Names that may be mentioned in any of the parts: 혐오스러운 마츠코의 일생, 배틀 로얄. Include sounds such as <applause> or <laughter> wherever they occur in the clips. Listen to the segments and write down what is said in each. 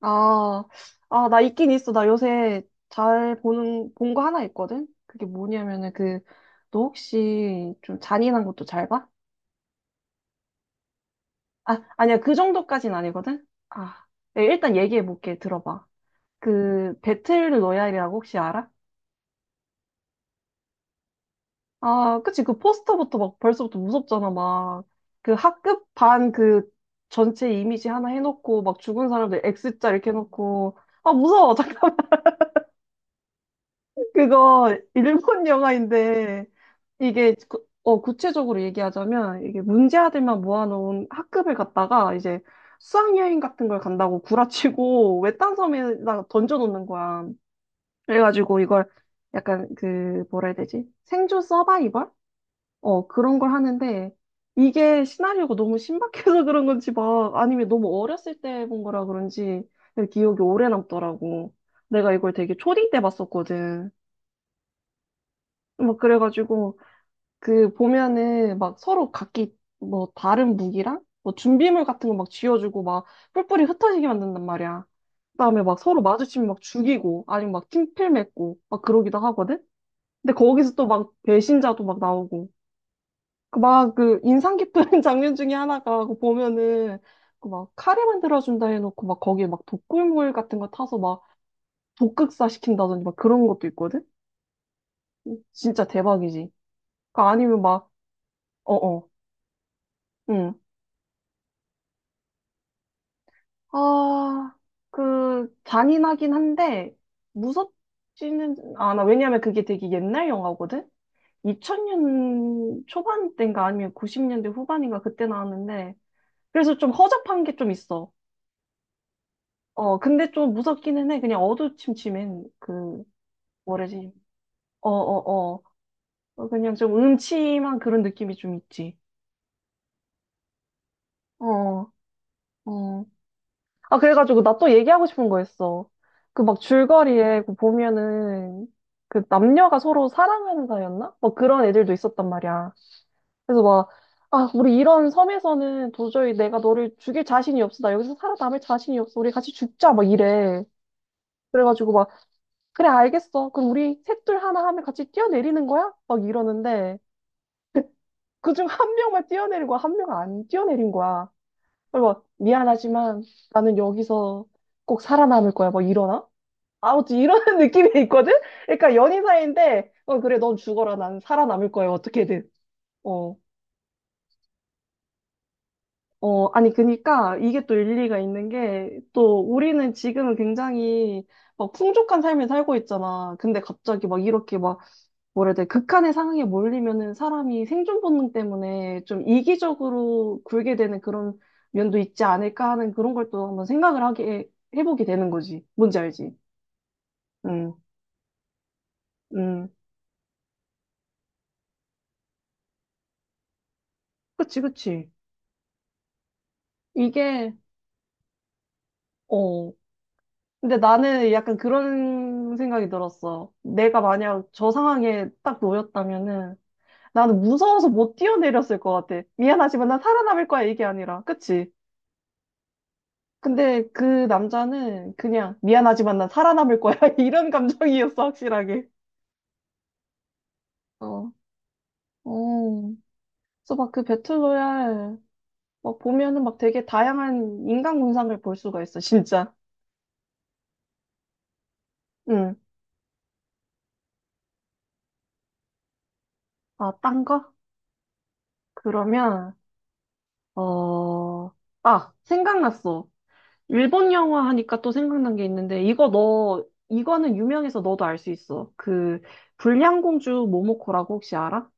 아, 나 있긴 있어. 나 요새 잘 보는, 본 거 하나 있거든? 그게 뭐냐면은 그, 너 혹시 좀 잔인한 것도 잘 봐? 아, 아니야. 그 정도까진 아니거든? 네, 일단 얘기해 볼게. 들어봐. 그, 배틀 로얄이라고 혹시 알아? 아, 그치. 그 포스터부터 막 벌써부터 무섭잖아. 막, 그 학급 반 그 전체 이미지 하나 해놓고, 막 죽은 사람들 X자 이렇게 해놓고, 아, 무서워. <laughs> 잠깐만. 그거 일본 영화인데 이게 구체적으로 얘기하자면 이게 문제 아들만 모아놓은 학급을 갔다가 이제 수학여행 같은 걸 간다고 구라치고 <laughs> 외딴 섬에다가 던져놓는 거야. 그래가지고 이걸 약간 그 뭐라 해야 되지? 생존 서바이벌? 어 그런 걸 하는데 이게 시나리오가 너무 신박해서 그런 건지 막 아니면 너무 어렸을 때 본 거라 그런지 기억이 오래 남더라고. 내가 이걸 되게 초딩 때 봤었거든. 막 그래가지고 그 보면은 막 서로 각기 뭐 다른 무기랑 뭐 준비물 같은 거 막 쥐어주고 막 뿔뿔이 흩어지게 만든단 말이야. 그다음에 막 서로 마주치면 막 죽이고 아니면 막 팀필 맺고 막 그러기도 하거든. 근데 거기서 또 막 배신자도 막 나오고 그 막그 인상 깊은 <laughs> 장면 중에 하나가 그 보면은 그 막 카레 만들어준다 해놓고 막 거기에 막 독극물 같은 거 타서 막 독극사 시킨다든지 막 그런 것도 있거든. 진짜 대박이지. 그 아니면 막 어어. 아, 그, 잔인하긴 한데, 무섭지는 않아. 왜냐면 그게 되게 옛날 영화거든? 2000년 초반 때인가 아니면 90년대 후반인가 그때 나왔는데, 그래서 좀 허접한 게 좀 있어. 어, 근데 좀 무섭기는 해. 그냥 어두침침한 그, 뭐래지? 어, 어, 그냥 좀 음침한 그런 느낌이 좀 있지. 어, 어. 아, 그래가지고 나 또 얘기하고 싶은 거 있어. 그 막 줄거리에 그 보면은 그 남녀가 서로 사랑하는 사이였나? 막 그런 애들도 있었단 말이야. 그래서 막, 아, 우리 이런 섬에서는 도저히 내가 너를 죽일 자신이 없어. 나 여기서 살아남을 자신이 없어. 우리 같이 죽자. 막 이래. 그래가지고 막, 그래, 알겠어. 그럼 우리 셋둘 하나 하면 같이 뛰어내리는 거야? 막 이러는데 그중 한 명만 뛰어내리고 한 명은 안 뛰어내린 거야. 그리고 막, 미안하지만 나는 여기서 꼭 살아남을 거야. 막 이러나? 아, 어찌 이런 <laughs> 느낌이 있거든? 그러니까 연인 사이인데, 어, 그래, 넌 죽어라. 난 살아남을 거야. 어떻게든. 어, 아니, 그니까 이게 또 일리가 있는 게, 또 우리는 지금은 굉장히 막 풍족한 삶을 살고 있잖아. 근데 갑자기 막 이렇게 막, 뭐라 해야 돼, 극한의 상황에 몰리면은 사람이 생존 본능 때문에 좀 이기적으로 굴게 되는 그런 면도 있지 않을까 하는 그런 걸 또 한번 생각을 하게, 해보게 되는 거지. 뭔지 알지? 응, 응. 그치, 그치. 이게, 어. 근데 나는 약간 그런 생각이 들었어. 내가 만약 저 상황에 딱 놓였다면은 나는 무서워서 못 뛰어내렸을 것 같아. 미안하지만 난 살아남을 거야 이게 아니라. 그치? 근데 그 남자는 그냥 미안하지만 난 살아남을 거야 <laughs> 이런 감정이었어 확실하게. 어. 어. 그래서 막 그 배틀로얄 막 보면은 막 되게 다양한 인간 군상을 볼 수가 있어 진짜. 응. 아, 딴 거? 그러면 어. 아, 생각났어. 일본 영화 하니까 또 생각난 게 있는데, 이거 너, 이거는 유명해서 너도 알 수 있어. 그, 불량공주 모모코라고 혹시 알아?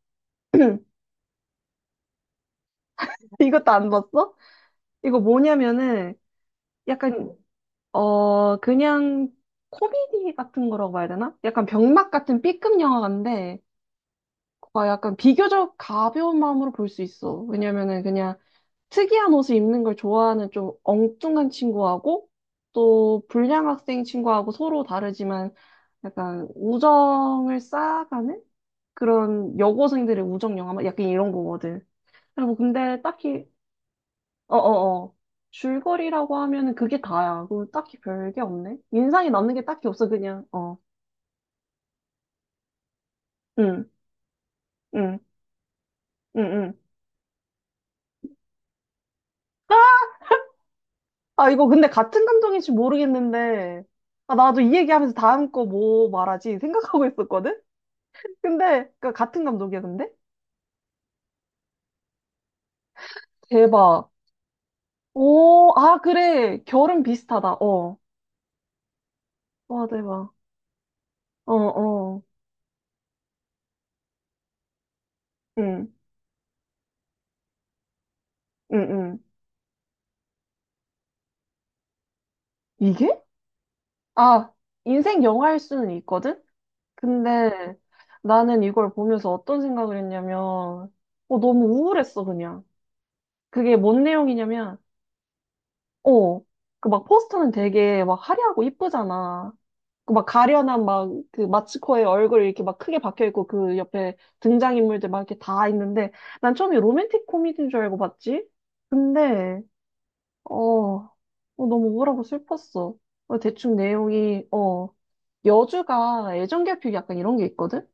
<clears throat> 이것도 안 봤어? 이거 뭐냐면은, 약간, 그냥 코미디 같은 거라고 봐야 되나? 약간 병맛 같은 B급 영화인데, 가 약간 비교적 가벼운 마음으로 볼 수 있어. 왜냐면은 그냥 특이한 옷을 입는 걸 좋아하는 좀 엉뚱한 친구하고, 또 불량 학생 친구하고 서로 다르지만, 약간 우정을 쌓아가는 그런 여고생들의 우정 영화 막 약간 이런 거거든. 그리고 뭐 근데 딱히 어어어 줄거리라고 하면은 그게 다야. 그럼 딱히 별게 없네. 인상이 남는 게 딱히 없어 그냥 어. 응. 응. 응. 응. 아 이거 근데 같은 감독인지 모르겠는데 아 나도 이 얘기하면서 다음 거 뭐 말하지 생각하고 있었거든. 근데 그 같은 감독이야 근데 대박. 오, 아 그래 결은 비슷하다. 어. 와 대박. 어 어. 응. 응, 응. 이게? 아, 인생 영화일 수는 있거든? 근데 나는 이걸 보면서 어떤 생각을 했냐면, 어, 너무 우울했어, 그냥. 그게 뭔 내용이냐면, 어, 그 막 포스터는 되게 막 화려하고 이쁘잖아. 그 막 가련한 막 그 마츠코의 얼굴 이렇게 막 크게 박혀 있고 그 옆에 등장인물들 막 이렇게 다 있는데 난 처음에 로맨틱 코미디인 줄 알고 봤지? 근데 어, 어, 너무 우울하고 슬펐어. 어, 대충 내용이, 어, 여주가 애정결핍 약간 이런 게 있거든?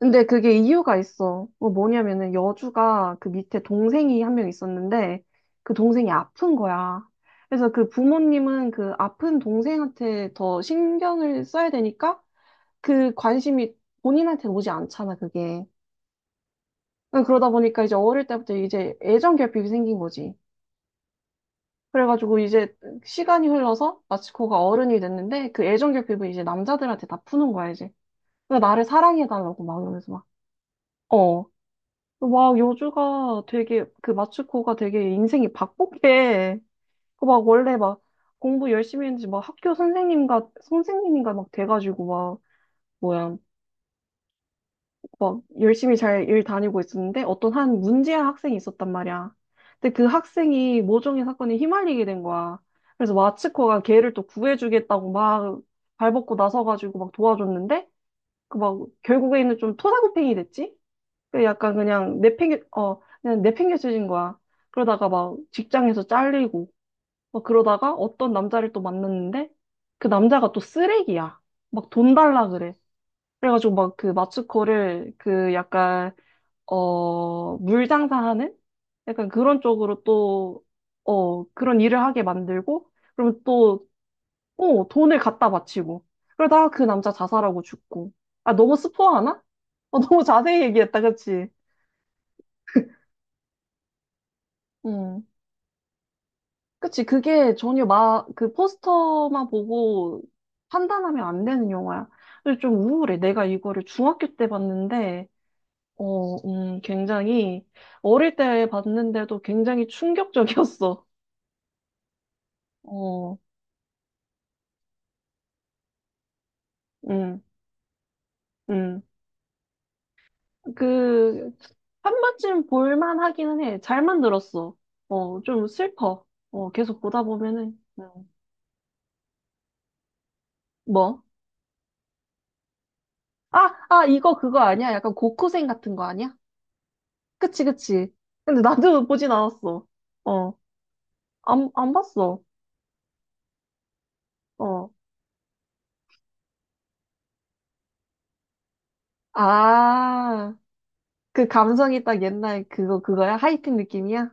근데 그게 이유가 있어. 어, 뭐냐면은 여주가 그 밑에 동생이 한 명 있었는데 그 동생이 아픈 거야. 그래서 그 부모님은 그 아픈 동생한테 더 신경을 써야 되니까 그 관심이 본인한테 오지 않잖아, 그게. 어, 그러다 보니까 이제 어릴 때부터 이제 애정결핍이 생긴 거지. 그래가지고 이제 시간이 흘러서 마치코가 어른이 됐는데 그 애정 결핍을 이제 남자들한테 다 푸는 거야, 이제. 그러니까 나를 사랑해달라고 막 이러면서 막, 어. 막 요주가 되게, 그 마츠코가 되게 인생이 바쁘게, 그 막 원래 막 공부 열심히 했는지 막 학교 선생님과, 선생님인가 막 돼가지고 막, 뭐야. 막 열심히 잘 일 다니고 있었는데 어떤 한 문제한 학생이 있었단 말이야. 근데 그 학생이 모종의 사건에 휘말리게 된 거야. 그래서 마츠코가 걔를 또 구해주겠다고 막 발벗고 나서가지고 막 도와줬는데 그 막 결국에는 좀 토사구팽이 됐지? 그 약간 그냥 내팽겨 어 그냥 내팽겨쳐진 거야. 그러다가 막 직장에서 잘리고 막 그러다가 어떤 남자를 또 만났는데 그 남자가 또 쓰레기야. 막 돈 달라 그래. 그래가지고 막 그 마츠코를 그 약간 어, 물 장사하는? 약간 그런 쪽으로 또, 어, 그런 일을 하게 만들고, 그럼 또, 어, 돈을 갖다 바치고. 그러다가 그 남자 자살하고 죽고. 아, 너무 스포하나? 어, 너무 자세히 얘기했다, 그치? 음. 그치, 그게 전혀 마, 그 포스터만 보고 판단하면 안 되는 영화야. 그래서 좀 우울해. 내가 이거를 중학교 때 봤는데, 굉장히, 어릴 때 봤는데도 굉장히 충격적이었어. 어. 음, 음. 그, 한 번쯤 볼만 하기는 해. 잘 만들었어. 어, 좀 슬퍼. 어, 계속 보다 보면은, 뭐? 이거 그거 아니야? 약간 고쿠생 같은 거 아니야? 그치, 그치. 근데 나도 <laughs> 보진 않았어. 어, 안 봤어. 어. 아, 그 감성이 딱 옛날 그거, 그거야? 하이틴 느낌이야?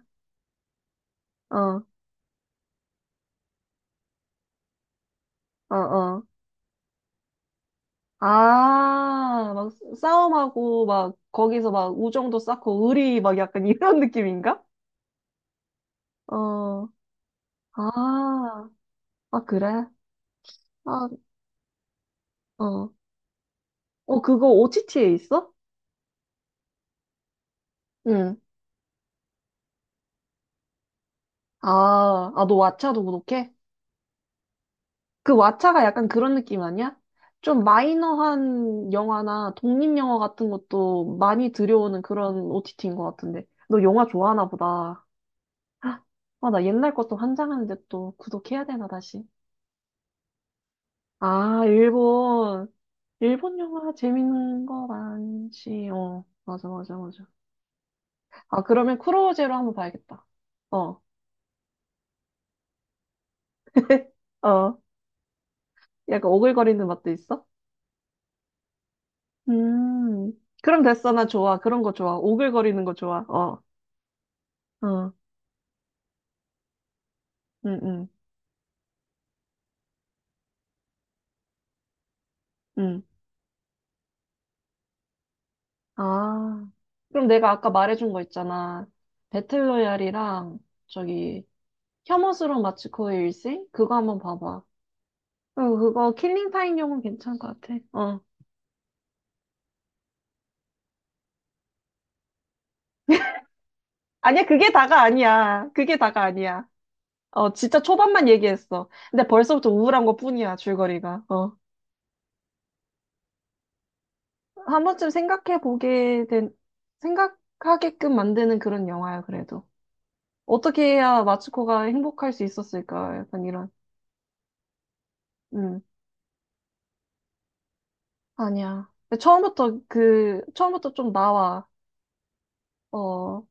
어, 어, 어. 아, 막 싸움하고, 막, 거기서 막 우정도 쌓고, 의리, 막 약간 이런 <laughs> 느낌인가? 어, 아, 아, 그래? 아, 어. 어, 그거 OTT에 있어? 응. 아, 너 왓챠도 구독해? 그 왓챠가 약간 그런 느낌 아니야? 좀 마이너한 영화나 독립영화 같은 것도 많이 들여오는 그런 OTT인 것 같은데. 너 영화 좋아하나 보다. 아, 나 옛날 것도 환장하는데 또 구독해야 되나, 다시. 아, 일본. 일본 영화 재밌는 거 많지. 어, 맞아, 맞아, 맞아. 아, 그러면 쿠로제로 한번 봐야겠다. 어, <laughs> 어. 약간 오글거리는 맛도 있어? 음. 그럼 됐어. 나 좋아. 그런 거 좋아. 오글거리는 거 좋아. 어, 어. 응, 응, 응. 아. 그럼 내가 아까 말해준 거 있잖아. 배틀로얄이랑 저기 혐오스러운 마츠코의 일생? 그거 한번 봐봐. 어, 그거 킬링타임용은 괜찮을 것 같아. 어. 아니야, 그게 다가 아니야. 그게 다가 아니야. 어, 진짜 초반만 얘기했어. 근데 벌써부터 우울한 것뿐이야, 줄거리가. 어. 한 번쯤 생각해 보게 된, 생각하게끔 만드는 그런 영화야, 그래도. 어떻게 해야 마츠코가 행복할 수 있었을까? 약간 이런. 음, 아니야. 근데 처음부터 그, 처음부터 좀 나와. 어,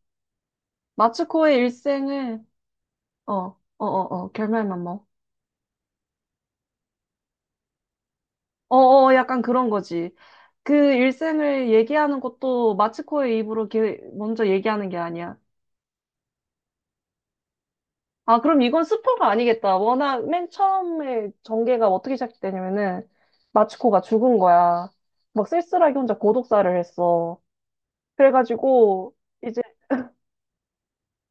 마츠코의 일생을, 어, 어, 어, 어, 결말만 뭐. 어, 어, 약간 그런 거지. 그 일생을 얘기하는 것도 마츠코의 입으로 이렇게 먼저 얘기하는 게 아니야. 아, 그럼 이건 스포가 아니겠다. 워낙 맨 처음에 전개가 어떻게 시작되냐면은 마츠코가 죽은 거야. 막 쓸쓸하게 혼자 고독사를 했어. 그래가지고 이제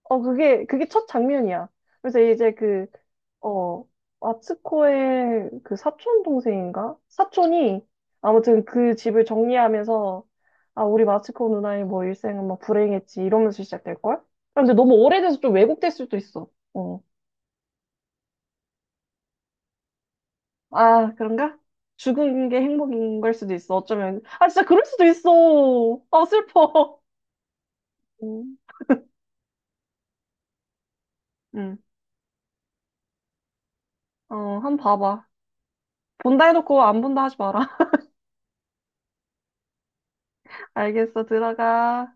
그게 첫 장면이야. 그래서 이제 그 어, 아츠코의 그 사촌 동생인가? 사촌이 아무튼 그 집을 정리하면서 아, 우리 마츠코 누나의 뭐 일생은 막 불행했지 이러면서 시작될걸? 근데 너무 오래돼서 좀 왜곡될 수도 있어. 어. 아, 그런가? 죽은 게 행복인 걸 수도 있어. 어쩌면. 아, 진짜 그럴 수도 있어. 아, 슬퍼. 응. 응. 어, 한번 봐봐. 본다 해놓고 안 본다 하지 마라. <laughs> 알겠어. 들어가.